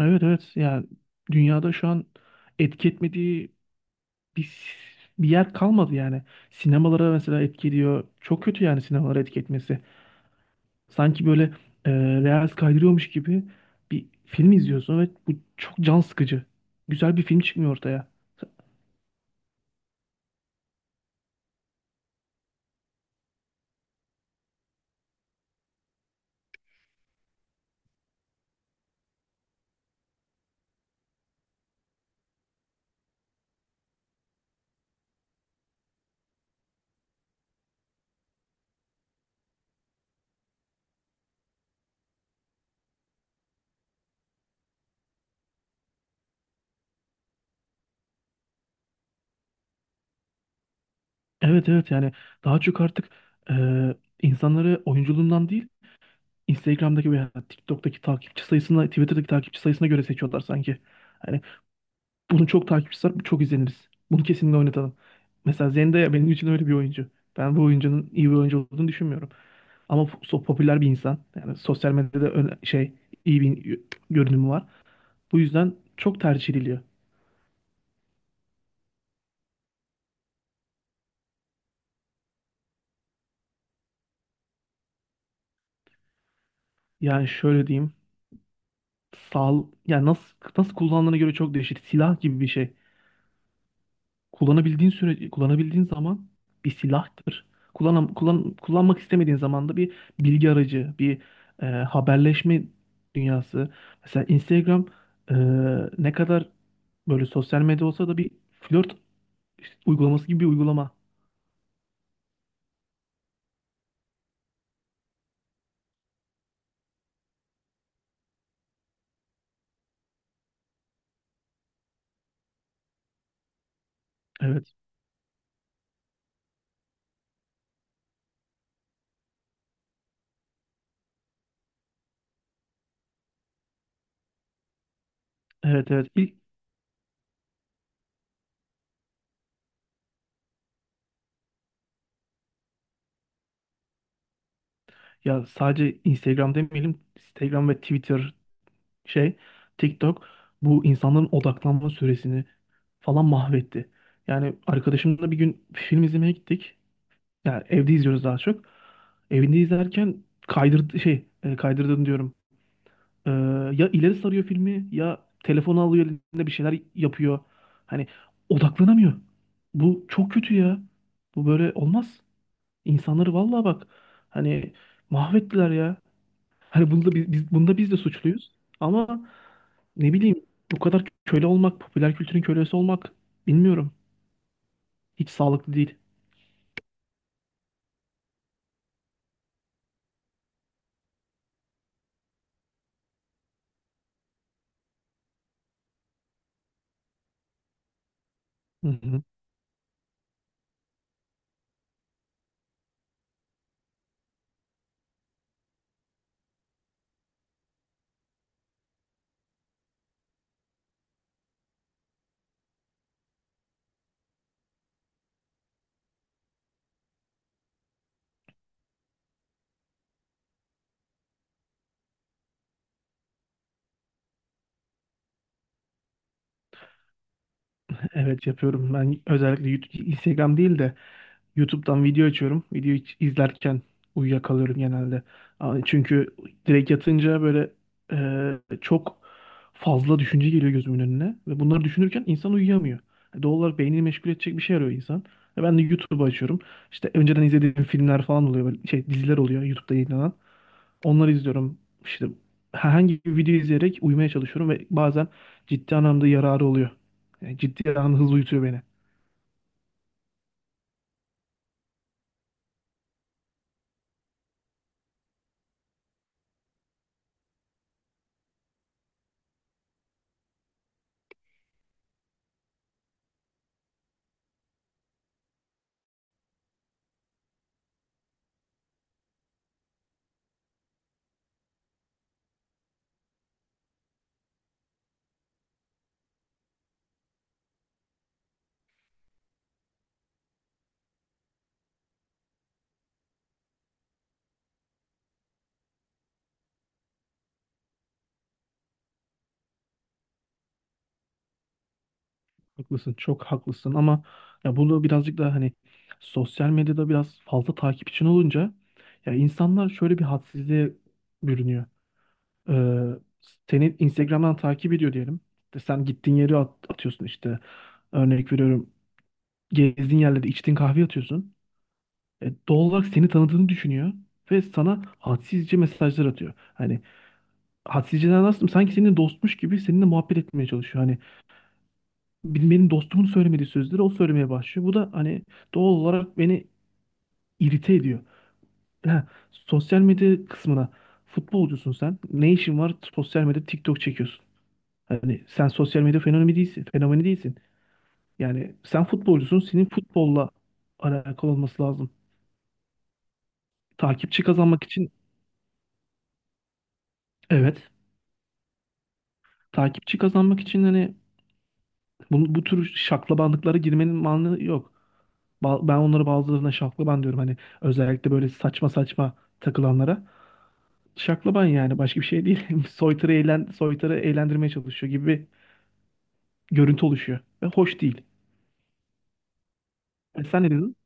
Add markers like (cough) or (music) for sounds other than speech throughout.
Evet evet yani dünyada şu an etki etmediği bir, bir yer kalmadı yani. Sinemalara mesela etki ediyor. Çok kötü yani sinemalara etki etmesi. Sanki böyle e, reels kaydırıyormuş gibi bir film izliyorsun ve bu çok can sıkıcı. Güzel bir film çıkmıyor ortaya. Evet evet yani daha çok artık e, insanları oyunculuğundan değil Instagram'daki veya TikTok'taki takipçi sayısına, Twitter'daki takipçi sayısına göre seçiyorlar sanki. Hani bunu çok takipçisi var, çok izleniriz. Bunu kesinlikle oynatalım. Mesela Zendaya benim için öyle bir oyuncu. Ben bu oyuncunun iyi bir oyuncu olduğunu düşünmüyorum. Ama popüler bir insan. Yani sosyal medyada şey, iyi bir görünümü var. Bu yüzden çok tercih ediliyor. Yani şöyle diyeyim. Sağ, yani nasıl kullandığına göre çok değişir. Silah gibi bir şey. Kullanabildiğin süre kullanabildiğin zaman bir silahtır. Kullanmak istemediğin zaman da bir bilgi aracı, bir haberleşme dünyası. Mesela Instagram e, ne kadar böyle sosyal medya olsa da bir flört uygulaması gibi bir uygulama. Evet. Evet evet. İlk ya sadece Instagram demeyelim. Instagram ve Twitter şey, TikTok bu insanların odaklanma süresini falan mahvetti. Yani arkadaşımla bir gün film izlemeye gittik. Yani evde izliyoruz daha çok. Evinde izlerken kaydırdığını diyorum. Ee, ya ileri sarıyor filmi ya telefonu alıyor elinde bir şeyler yapıyor. Hani odaklanamıyor. Bu çok kötü ya. Bu böyle olmaz. İnsanları vallahi bak hani mahvettiler ya. Hani bunda biz de suçluyuz. Ama ne bileyim bu kadar köle olmak, popüler kültürün kölesi olmak bilmiyorum. Hiç sağlıklı değil. Hı hı. Evet yapıyorum. Ben özellikle Instagram değil de YouTube'dan video açıyorum. İzlerken uyuyakalıyorum genelde. Aa, çünkü direkt yatınca böyle çok fazla düşünce geliyor gözümün önüne. Ve bunları düşünürken insan uyuyamıyor. Doğal olarak beynini meşgul edecek bir şey arıyor insan. Ve ben de YouTube'u açıyorum. İşte önceden izlediğim filmler falan oluyor. Böyle şey diziler oluyor YouTube'da yayınlanan. Onları izliyorum. İşte herhangi bir video izleyerek uyumaya çalışıyorum ve bazen ciddi anlamda yararı oluyor. Yani ciddi anlamda hızlı uyutuyor beni. Haklısın, çok haklısın ama ya bunu birazcık daha hani sosyal medyada biraz fazla takip için olunca ya insanlar şöyle bir hadsizliğe bürünüyor. Ee, seni Instagram'dan takip ediyor diyelim. İşte sen gittiğin yeri atıyorsun işte. Örnek veriyorum. Gezdiğin yerlerde içtiğin kahve atıyorsun. Doğal olarak seni tanıdığını düşünüyor ve sana hadsizce mesajlar atıyor. Hani hadsizceden nasıl sanki senin dostmuş gibi seninle muhabbet etmeye çalışıyor. Hani benim dostumun söylemediği sözleri o söylemeye başlıyor. Bu da hani doğal olarak beni irite ediyor. Ha, sosyal medya kısmına futbolcusun sen. Ne işin var sosyal medyada TikTok çekiyorsun. Hani sen sosyal medya fenomeni değilsin, fenomeni değilsin. Yani sen futbolcusun, senin futbolla alakalı olması lazım. Takipçi kazanmak için evet, takipçi kazanmak için hani bu tür şaklabanlıklara girmenin mantığı yok. Ben onlara bazılarına şaklaban diyorum. Hani özellikle böyle saçma saçma takılanlara. Şaklaban yani başka bir şey değil. (laughs) Soytarı, soytarı eğlendirmeye çalışıyor gibi bir görüntü oluşuyor. Ve hoş değil. E sen ne dedin?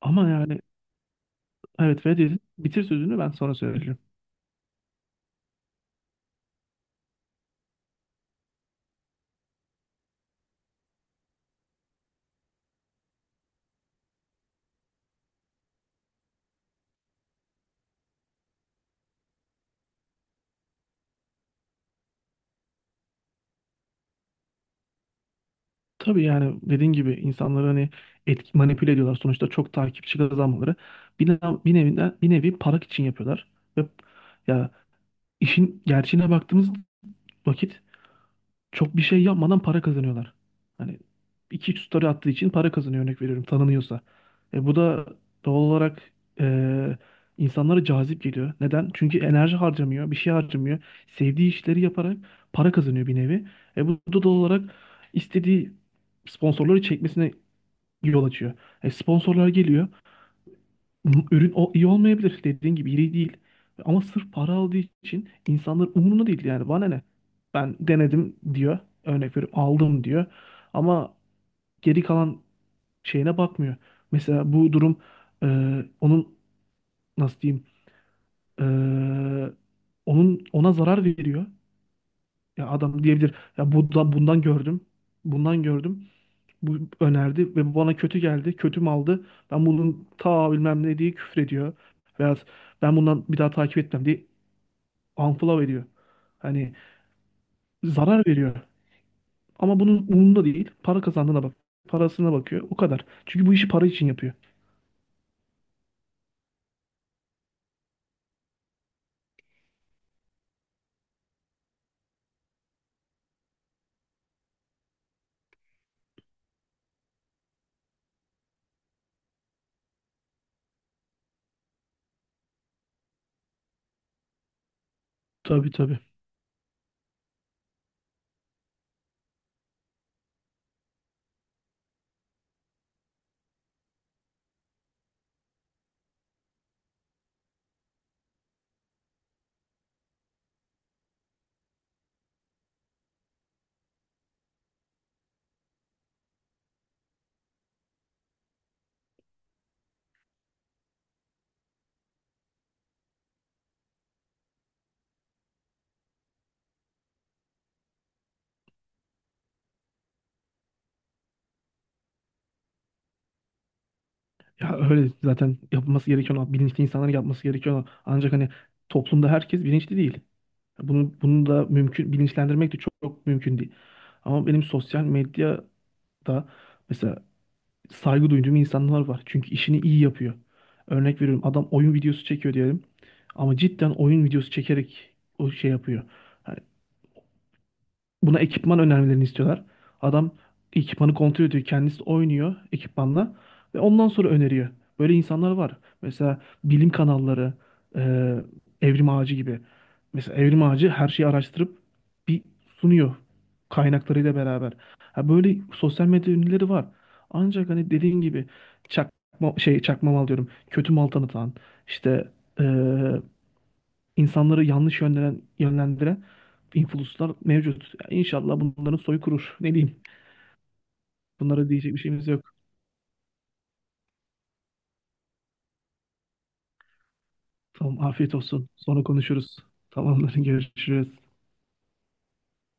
Ama yani evet ve dedin. Bitir sözünü ben sonra söyleyeceğim. Tabii yani dediğin gibi insanları hani manipüle ediyorlar. Sonuçta çok takipçi kazanmaları. Bir nevi para için yapıyorlar. Ve ya işin gerçeğine baktığımız vakit çok bir şey yapmadan para kazanıyorlar. Hani iki üç story attığı için para kazanıyor örnek veriyorum tanınıyorsa. E, bu da doğal olarak e, insanlara cazip geliyor. Neden? Çünkü enerji harcamıyor, bir şey harcamıyor. Sevdiği işleri yaparak para kazanıyor bir nevi. E, bu da doğal olarak istediği sponsorları çekmesine yol açıyor. E, sponsorlar geliyor. Ürün o iyi olmayabilir. Dediğin gibi iyi değil. Ama sırf para aldığı için insanlar umurunda değil yani. Bana ne? Ben denedim diyor. Örnek veriyorum aldım diyor. Ama geri kalan şeyine bakmıyor. Mesela bu durum e, onun nasıl diyeyim e, onun ona zarar veriyor. Ya adam diyebilir ya bu da bundan gördüm. Bundan gördüm. Bu önerdi ve bu bana kötü geldi. Kötüm aldı. Ben bunun ta bilmem ne diye küfür ediyor. Veya ben bundan bir daha takip etmem diye unfollow ediyor. Hani zarar veriyor. Ama bunun umurunda değil. Para kazandığına bak. Parasına bakıyor. O kadar. Çünkü bu işi para için yapıyor. Tabii tabii. Ya öyle zaten yapılması gereken, o, bilinçli insanların yapması gereken o. Ancak hani toplumda herkes bilinçli değil. Bunu da mümkün bilinçlendirmek de çok mümkün değil. Ama benim sosyal medyada mesela saygı duyduğum insanlar var. Çünkü işini iyi yapıyor. Örnek veriyorum adam oyun videosu çekiyor diyelim. Ama cidden oyun videosu çekerek o şey yapıyor. Yani buna ekipman önermelerini istiyorlar. Adam ekipmanı kontrol ediyor. Kendisi oynuyor ekipmanla ve ondan sonra öneriyor. Böyle insanlar var. Mesela bilim kanalları, e, Evrim Ağacı gibi. Mesela Evrim Ağacı her şeyi araştırıp bir sunuyor kaynaklarıyla beraber. Ha böyle sosyal medya ünlüleri var. Ancak hani dediğin gibi çakma şey çakma mal diyorum. Kötü mal tanıtan işte e, insanları yanlış yönlendiren influencer'lar mevcut. Yani İnşallah bunların soyu kurur. Ne diyeyim? Bunlara diyecek bir şeyimiz yok. Tamam, afiyet olsun. Sonra konuşuruz. Tamamdır, (laughs) görüşürüz.